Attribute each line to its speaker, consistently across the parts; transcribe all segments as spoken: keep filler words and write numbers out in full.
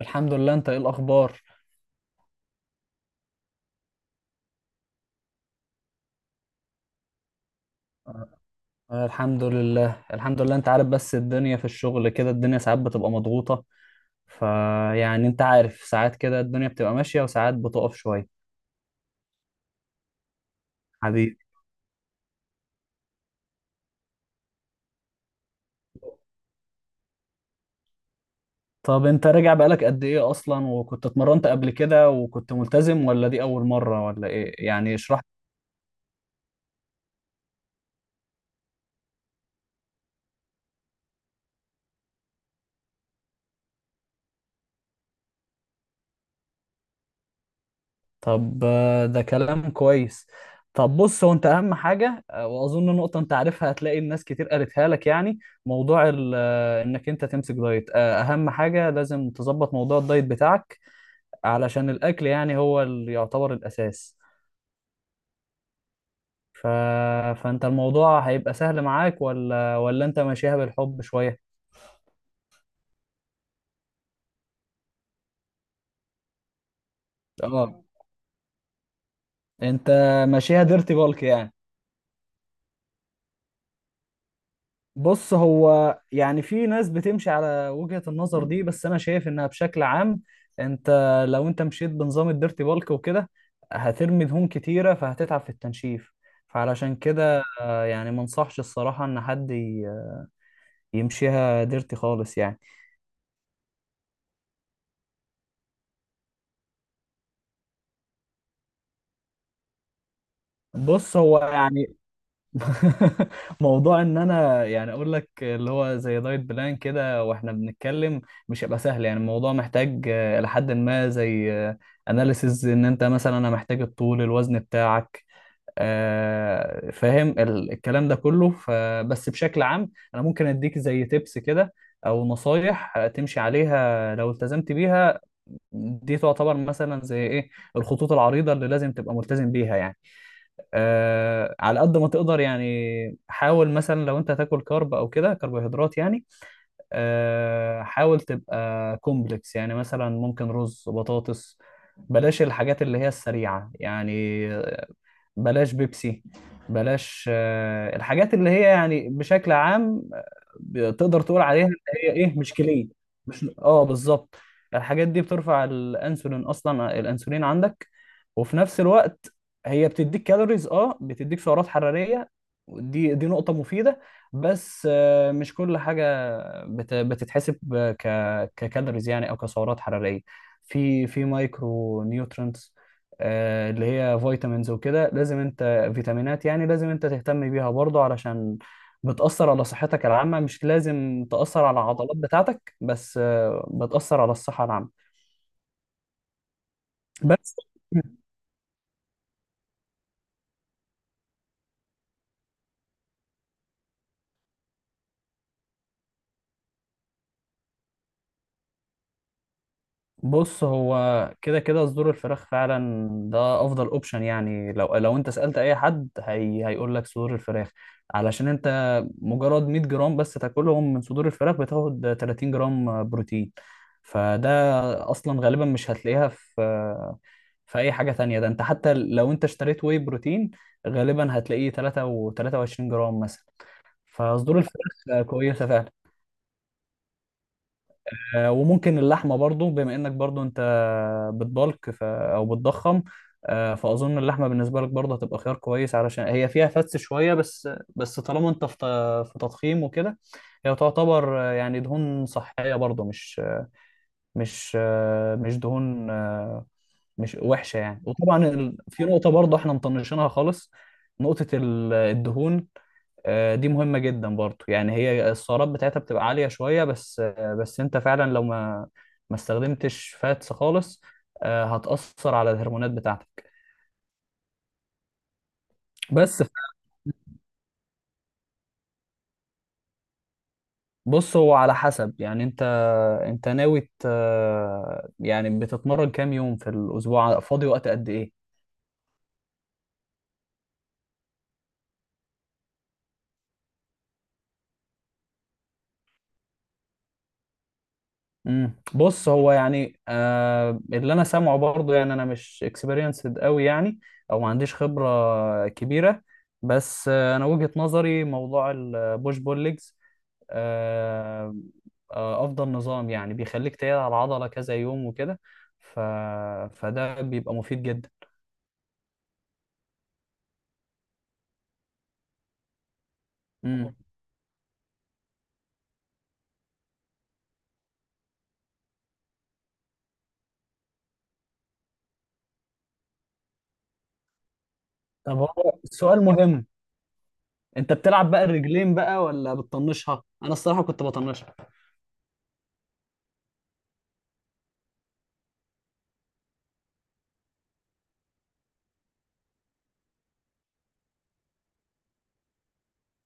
Speaker 1: الحمد لله. انت ايه الاخبار؟ آه، الحمد لله، الحمد لله انت عارف، بس الدنيا في الشغل كده، الدنيا ساعات بتبقى مضغوطة. فيعني انت عارف، ساعات كده الدنيا بتبقى ماشية وساعات بتقف شوية. حبيبي، طب انت راجع بقالك قد ايه اصلا؟ وكنت اتمرنت قبل كده وكنت ملتزم، ولا دي اول مرة ولا ايه؟ يعني اشرح. طب آه، ده كلام كويس. طب بص، هو انت اهم حاجه، آه، واظن نقطه انت عارفها، هتلاقي الناس كتير قالتها لك، يعني موضوع ال- آه، انك انت تمسك دايت، آه، اهم حاجه لازم تظبط موضوع الدايت بتاعك، علشان الاكل يعني هو اللي يعتبر الاساس. ف... فانت الموضوع هيبقى سهل معاك ولا ولا انت ماشيها بالحب شويه؟ اه، انت ماشيها ديرتي بالك يعني؟ بص، هو يعني في ناس بتمشي على وجهة النظر دي، بس انا شايف انها بشكل عام، انت لو انت مشيت بنظام الديرتي بالك وكده هترمي دهون كتيرة فهتتعب في التنشيف. فعلشان كده آه، يعني ما انصحش الصراحة ان حد ي- يمشيها ديرتي خالص يعني. بص هو يعني موضوع ان انا يعني اقول لك اللي هو زي دايت بلان كده واحنا بنتكلم، مش هيبقى سهل. يعني الموضوع محتاج آه، لحد ما زي اناليسز، ان انت مثلا انا محتاج الطول الوزن بتاعك، آه، فاهم؟ ال- الكلام ده كله. فبس بشكل عام انا ممكن اديك زي تيبس كده او نصايح آه، تمشي عليها لو التزمت بيها. دي تعتبر مثلا زي ايه؟ الخطوط العريضة اللي لازم تبقى ملتزم بيها يعني. آه، على قد ما تقدر يعني حاول، مثلا لو انت هتاكل كارب او كده، كربوهيدرات يعني، آه حاول تبقى كومبلكس. يعني مثلا ممكن رز، بطاطس. بلاش الحاجات اللي هي السريعة يعني. بلاش بيبسي. بلاش آه، الحاجات اللي هي يعني بشكل عام آه، تقدر تقول عليها ان هي ايه، مش كليه؟ مش اه، بالظبط. الحاجات دي بترفع الانسولين اصلا. آه، الانسولين عندك، وفي نفس الوقت هي بتديك كالوريز، اه بتديك سعرات حراريه. دي دي نقطه مفيده، بس آه، مش كل حاجه بت- بتتحسب ك ككالوريز يعني او كسعرات حراريه. في في مايكرو نيوترينتس آه، اللي هي فيتامينز وكده، لازم انت فيتامينات يعني لازم انت تهتم بيها برضه، علشان بتأثر على صحتك العامة. مش لازم تأثر على العضلات بتاعتك، بس آه، بتأثر على الصحة العامة. بس بص، هو كده كده صدور الفراخ فعلا ده افضل اوبشن. يعني لو لو انت سألت اي حد هي هيقول لك صدور الفراخ، علشان انت مجرد مية جرام بس تاكلهم من صدور الفراخ بتاخد تلاتين جرام بروتين. فده اصلا غالبا مش هتلاقيها في في اي حاجة تانية. ده انت حتى لو انت اشتريت واي بروتين غالبا هتلاقيه تلاتة و تلاتة وعشرين جرام مثلا. فصدور الفراخ كويسة فعلا. آه، وممكن اللحمه برضو، بما انك برضو انت بتبلك ف... او بتضخم، آه، فاظن اللحمه بالنسبه لك برضو هتبقى خيار كويس، علشان هي فيها فتس شويه بس، بس طالما انت في ت- في تضخيم وكده هي تعتبر آه، يعني دهون صحيه برضو، مش مش آه، مش دهون آه، مش وحشه يعني. وطبعا ال- في نقطه برضو احنا مطنشينها خالص، نقطه ال- الدهون. آه، دي مهمة جدا برضو. يعني هي السعرات بتاعتها بتبقى عالية شوية، بس آه، بس انت فعلا لو ما ما استخدمتش فاتس خالص آه، هتأثر على الهرمونات بتاعتك. بس ف- بص، هو على حسب، يعني انت انت ناوي ت- آه، يعني بتتمرن كام يوم في الأسبوع؟ فاضي وقت قد ايه؟ مم. بص هو يعني، آه اللي انا سامعه برضه، يعني انا مش اكسبيرينسد قوي يعني، او ما عنديش خبره كبيره، بس آه انا وجهه نظري موضوع البوش بول ليجز، آه آه افضل نظام. يعني بيخليك تقعد على العضله كذا يوم وكده، ف... فده بيبقى مفيد جدا. مم. طب هو سؤال مهم، انت بتلعب بقى الرجلين بقى ولا بتطنشها؟ انا الصراحه كنت بطنشها.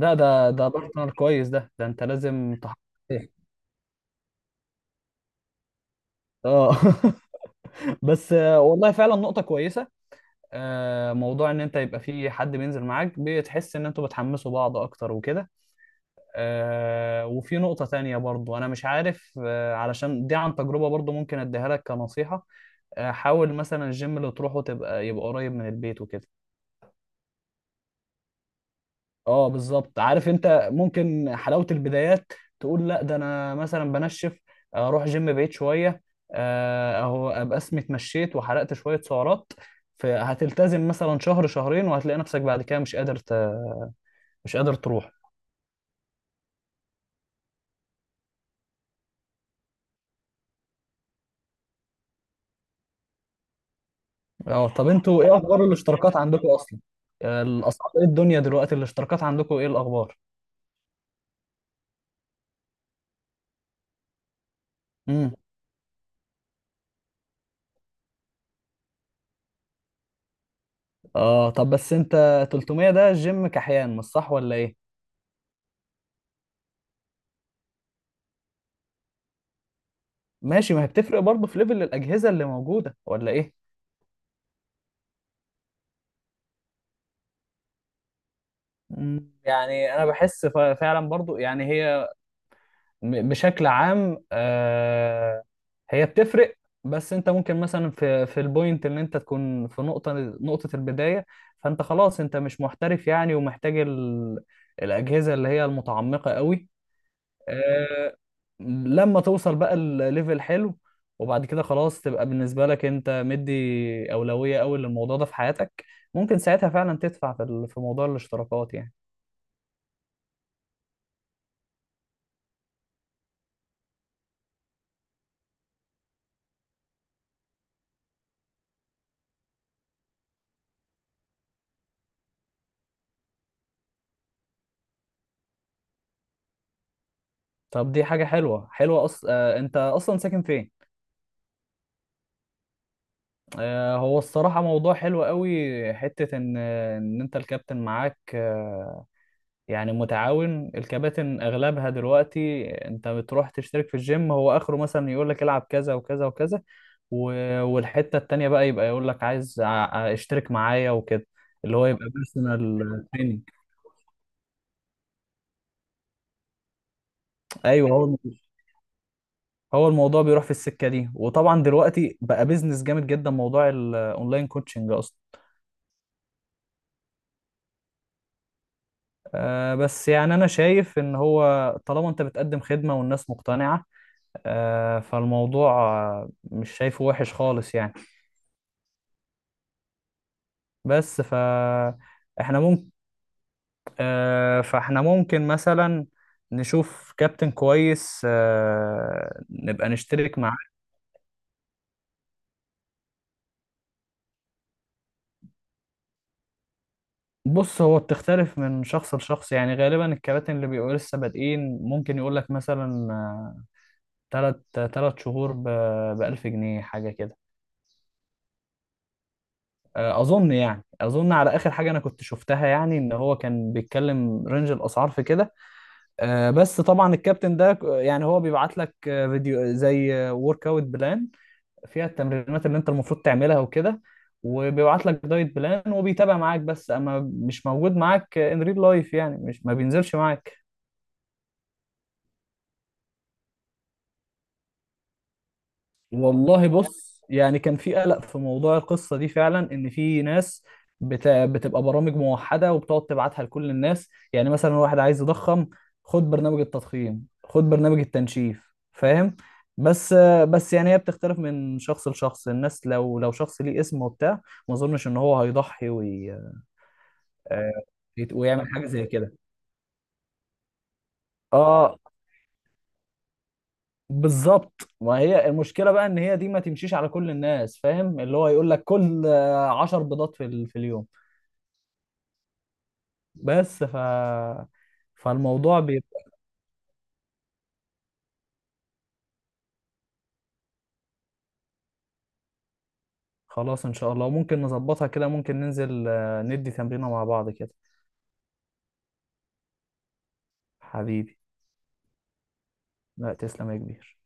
Speaker 1: ده ده ده بارتنر كويس، ده ده انت لازم تحط. اه بس آه، والله فعلا نقطة كويسة. آه، موضوع ان انت يبقى في حد بينزل معاك، بتحس ان انتوا بتحمسوا بعض اكتر وكده. آه، وفي نقطة تانية برضو، انا مش عارف آه، علشان دي عن تجربة برضو، ممكن اديها لك كنصيحة. آه، حاول مثلا الجيم اللي تروحه تبقى يبقى قريب من البيت وكده. اه بالظبط، عارف، انت ممكن حلاوة البدايات تقول لا ده انا مثلا بنشف، آه، اروح جيم بعيد شوية، آه، اهو ابقى اسمي اتمشيت وحرقت شوية سعرات، فهتلتزم مثلا شهر شهرين وهتلاقي نفسك بعد كده مش قادر ت... مش قادر تروح. اه طب انتوا ايه اخبار الاشتراكات عندكم اصلا؟ آه، الاسعار ايه الدنيا دلوقتي؟ الاشتراكات عندكم ايه الاخبار؟ امم اه طب بس انت، تلتمية ده جيم كحيان مش صح ولا ايه؟ ماشي، ما هي بتفرق برضه في ليفل الاجهزة اللي موجودة ولا ايه؟ مم. يعني انا بحس ف- فعلا برضو، يعني هي م- بشكل عام آه، هي بتفرق، بس انت ممكن مثلا في في البوينت ان انت تكون في نقطة نقطة البداية، فانت خلاص انت مش محترف يعني ومحتاج ال- الأجهزة اللي هي المتعمقة قوي. آه، لما توصل بقى الليفل حلو، وبعد كده خلاص تبقى بالنسبة لك انت مدي أولوية قوي للموضوع ده في حياتك، ممكن ساعتها فعلا تدفع في ال- في موضوع الاشتراكات يعني. طب دي حاجة حلوة، حلوة أص... آه، أنت أصلا ساكن فين؟ آه، هو الصراحة موضوع حلو قوي، حتة إن إن أنت الكابتن معاك آه، يعني متعاون. الكباتن أغلبها دلوقتي أنت بتروح تشترك في الجيم، هو آخره مثلا يقول لك العب كذا وكذا وكذا، و- والحتة التانية بقى يبقى يقول لك عايز ع- اشترك معايا وكده، اللي هو يبقى بيرسونال تريننج. ايوه هو، هو الموضوع بيروح في السكة دي. وطبعا دلوقتي بقى بيزنس جامد جدا موضوع الاونلاين كوتشنج اصلا. آه، بس يعني أنا شايف إن هو طالما أنت بتقدم خدمة والناس مقتنعة، آه، فالموضوع آه، مش شايفه وحش خالص يعني. بس ف إحنا ممكن آه، فإحنا ممكن مثلا نشوف كابتن كويس آه، نبقى نشترك معاه. بص هو بتختلف من شخص لشخص، يعني غالبا الكباتن اللي بيبقوا لسه بادئين ممكن يقول لك مثلا آه، تلت تلت شهور ب الف جنيه حاجة كده. آه، اظن يعني اظن على اخر حاجه انا كنت شفتها، يعني ان هو كان بيتكلم رينج الاسعار في كده. آه، بس طبعا الكابتن ده ك- يعني هو بيبعت لك آه، فيديو زي ورك اوت بلان فيها التمرينات اللي انت المفروض تعملها وكده، وبيبعت لك دايت بلان وبيتابع معاك، بس اما مش موجود معاك ان ريل لايف يعني، مش ما بينزلش معاك. والله بص، يعني كان في قلق في موضوع القصة دي فعلا، ان في ناس بت... بتبقى برامج موحدة وبتقعد تبعتها لكل الناس، يعني مثلا واحد عايز يضخم خد برنامج التضخيم، خد برنامج التنشيف، فاهم؟ بس بس يعني هي بتختلف من شخص لشخص. الناس لو لو شخص ليه اسم وبتاع، ما اظنش ان هو هيضحي وي... آه، ويعمل حاجة زي كده. اه بالظبط، ما هي المشكله بقى ان هي دي ما تمشيش على كل الناس، فاهم؟ اللي هو يقول لك كل آه، عشر بيضات في ال- في اليوم. بس ف فالموضوع بيبقى، خلاص ان شاء الله، وممكن نظبطها كده، ممكن ننزل آه، ندي تمرينه مع بعض كده. حبيبي، لا تسلم يا كبير.